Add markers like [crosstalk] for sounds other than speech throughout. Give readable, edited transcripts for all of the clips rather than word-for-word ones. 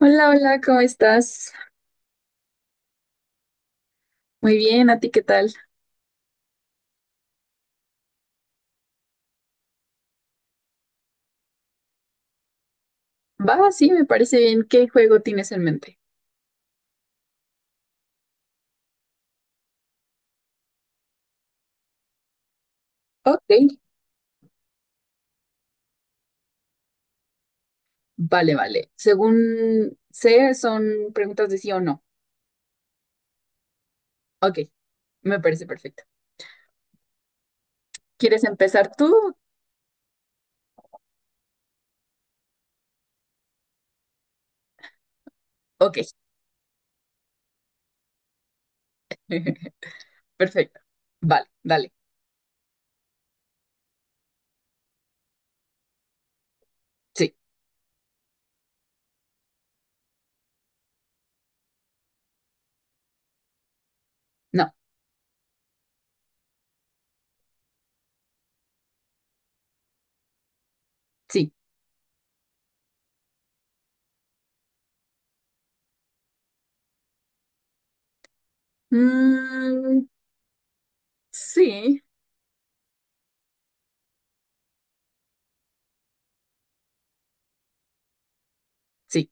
Hola, hola, ¿cómo estás? Muy bien, ¿a ti qué tal? Va, sí, me parece bien. ¿Qué juego tienes en mente? Ok, vale, vale. Según sé, son preguntas de sí o no. Ok, me parece perfecto. ¿Quieres empezar tú? Ok, [laughs] perfecto. Vale, dale. Sí, no, sí. Mm, sí, sí.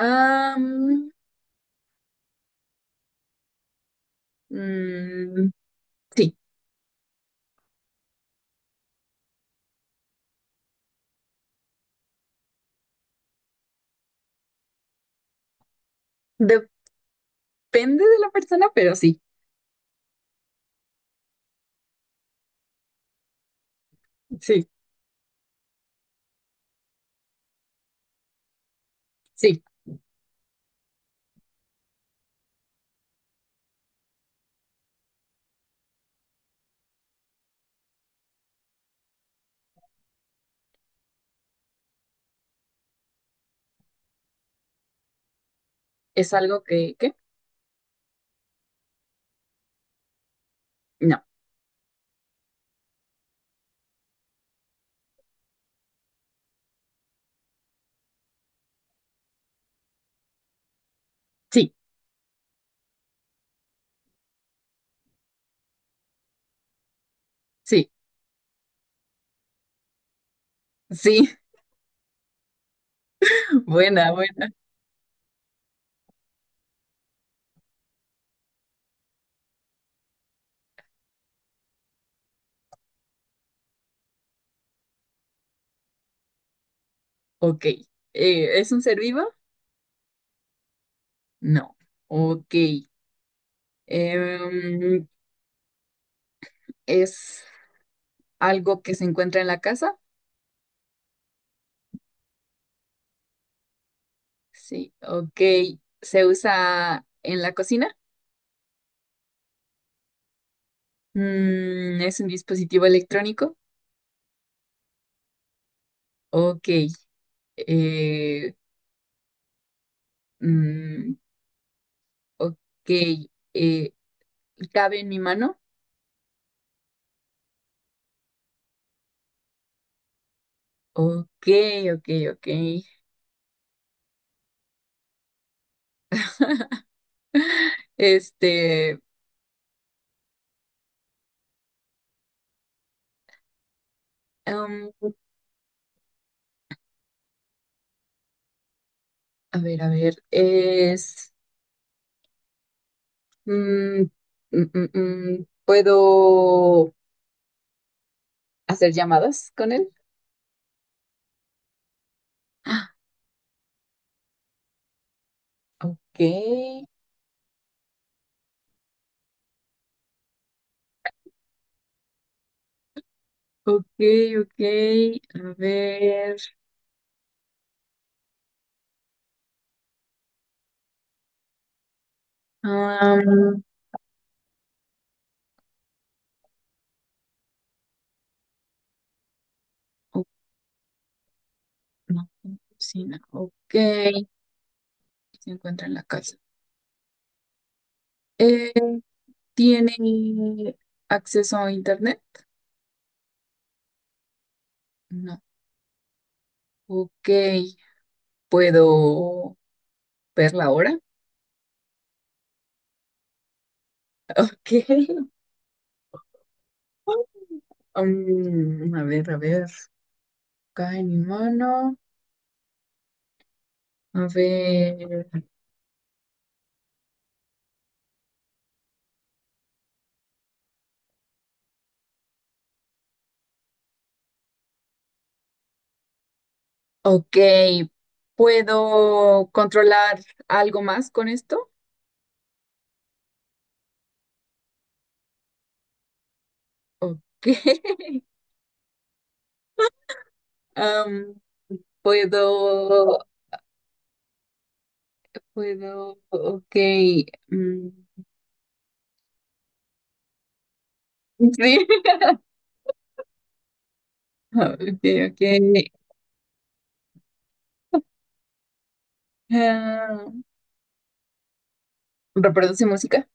Am, mm, sí, depende de la persona, pero sí, sí, sí. ¿Es algo que, qué? No, sí, sí. Sí, [laughs] buena, buena. Ok. ¿Es un ser vivo? No. Ok. Em, ¿Es algo que se encuentra en la casa? Sí. Ok. ¿Se usa en la cocina? ¿Es un dispositivo electrónico? Ok. Eh, mm, ok. Eh, ¿Cabe en mi mano? Ok, ok, ok. Este, em, a ver, a ver. Mm, mm. ¿Puedo hacer llamadas con él? Ah, ok, ok, ok. A ver. am, o- no, cocina. Ok. Se encuentra en la casa. Eh, ¿Tiene acceso a internet? No. Ok. ¿Puedo ver la hora? Ok. [laughs] A ver, a ver. Acá en mi mano. A ver. Ok, ¿puedo controlar algo más con esto? Ok, [laughs] am, puedo, puedo, ok, mm, sí, [laughs] ok, ok, ah, reproduce música,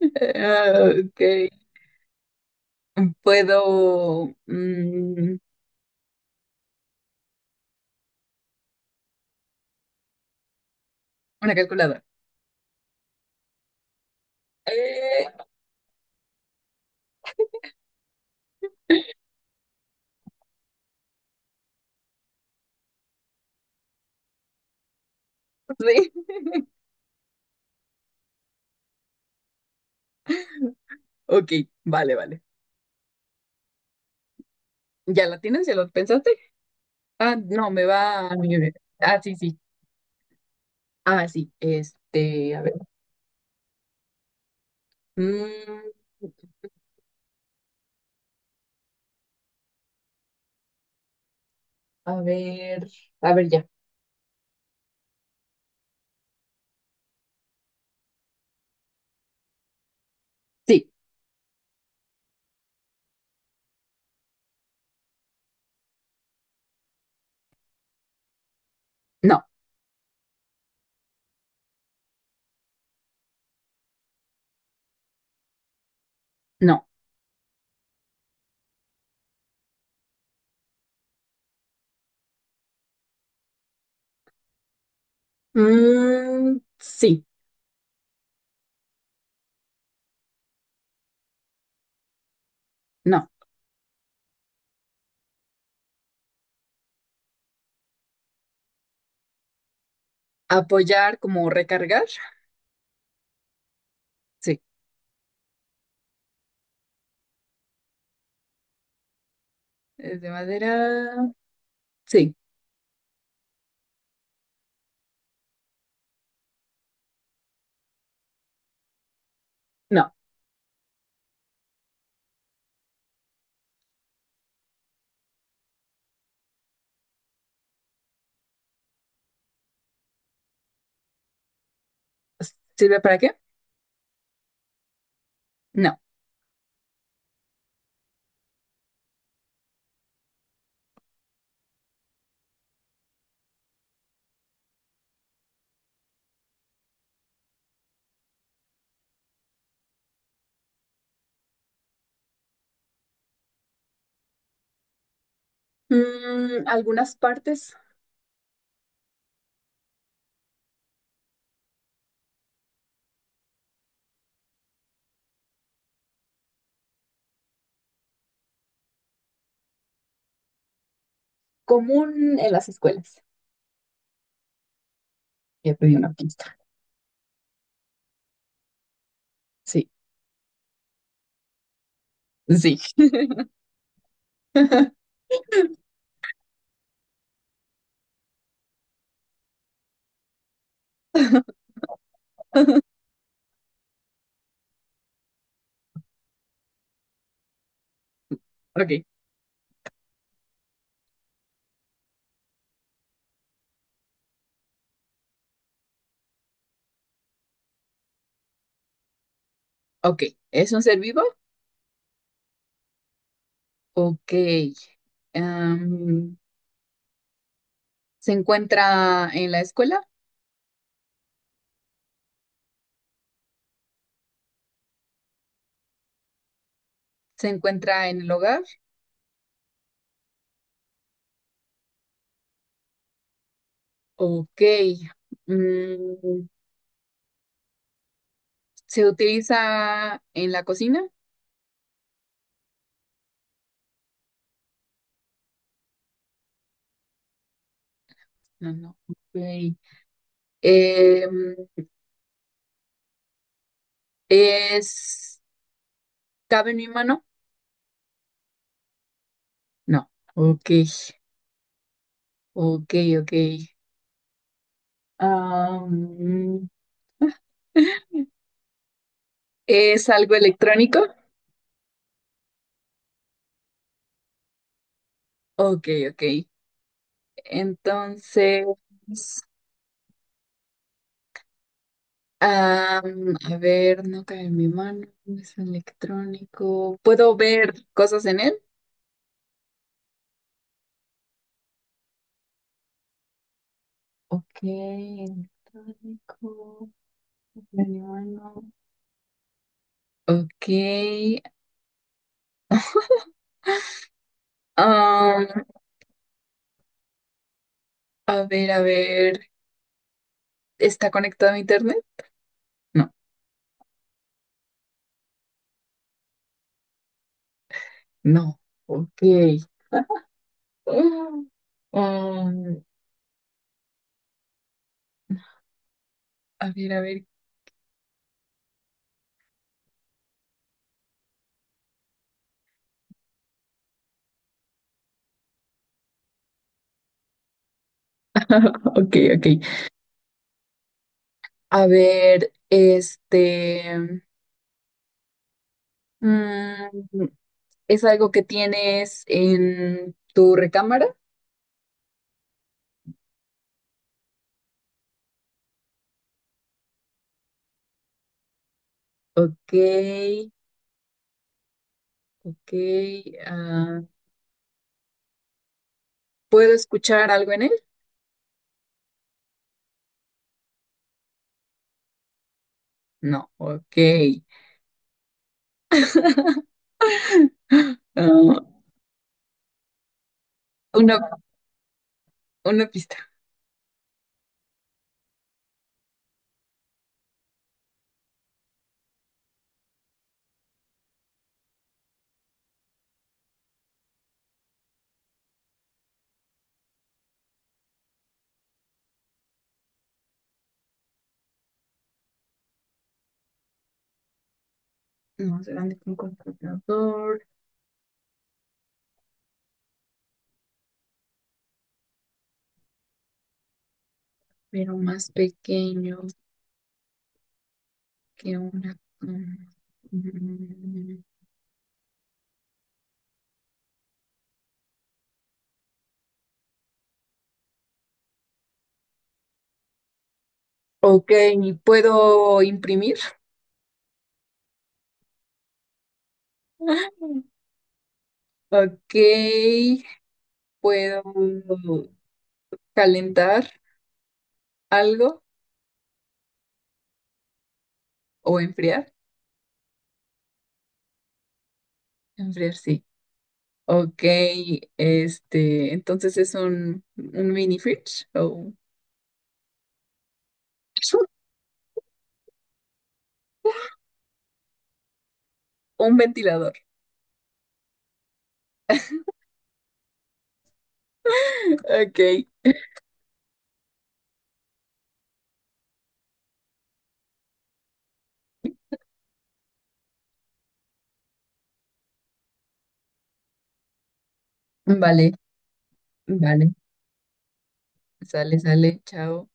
[laughs] Ah, ok, puedo, una calculadora, Eh, [laughs] sí, ok, vale, vale, ¿ya la tienes? ¿Ya lo pensaste? Ah, no, me va a... Ah, sí, sí, ah, sí, este, a ver. Mm, a ver, a ver ya. Sí, no, no. Sí, no. Apoyar como recargar. Sí. ¿Es de madera? Sí, no. ¿Sirve para qué? No. Algunas partes común en las escuelas. Ya pedí una pista. Sí, sí. [laughs] Ok, ok. ¿Es un ser vivo? Ok. Em, ¿Se encuentra en la escuela? ¿Se encuentra en el hogar? Ok. Mm, ¿Se utiliza en la cocina? No, no. Ok. Em, ¿es, ¿cabe en mi mano? No. Ok. Ok, ok. Am, [laughs] ¿es algo electrónico? Ok, ok. Entonces, a ver, no cae en mi mano, no es electrónico. ¿Puedo ver cosas en él? Ok, electrónico. Bueno, Ok. am, a ver, a ver. ¿Está conectado a internet? No, no. Ok. Mm. Am, a ver, a ver. Ok, ok. A ver, este. mm, ¿Es algo que tienes en tu recámara? Ok, ok. ah, ¿puedo escuchar algo en él? No, ok. [laughs] Ah, una, una pista. Más grande que un computador, pero más pequeño que una... Mm, Ok, ¿puedo imprimir? [laughs] Ok, ¿puedo calentar algo o enfriar? Enfriar, sí. Ok, este, entonces es un mini fridge o [laughs] un ventilador. Ok, vale, vale, sale, sale, chao.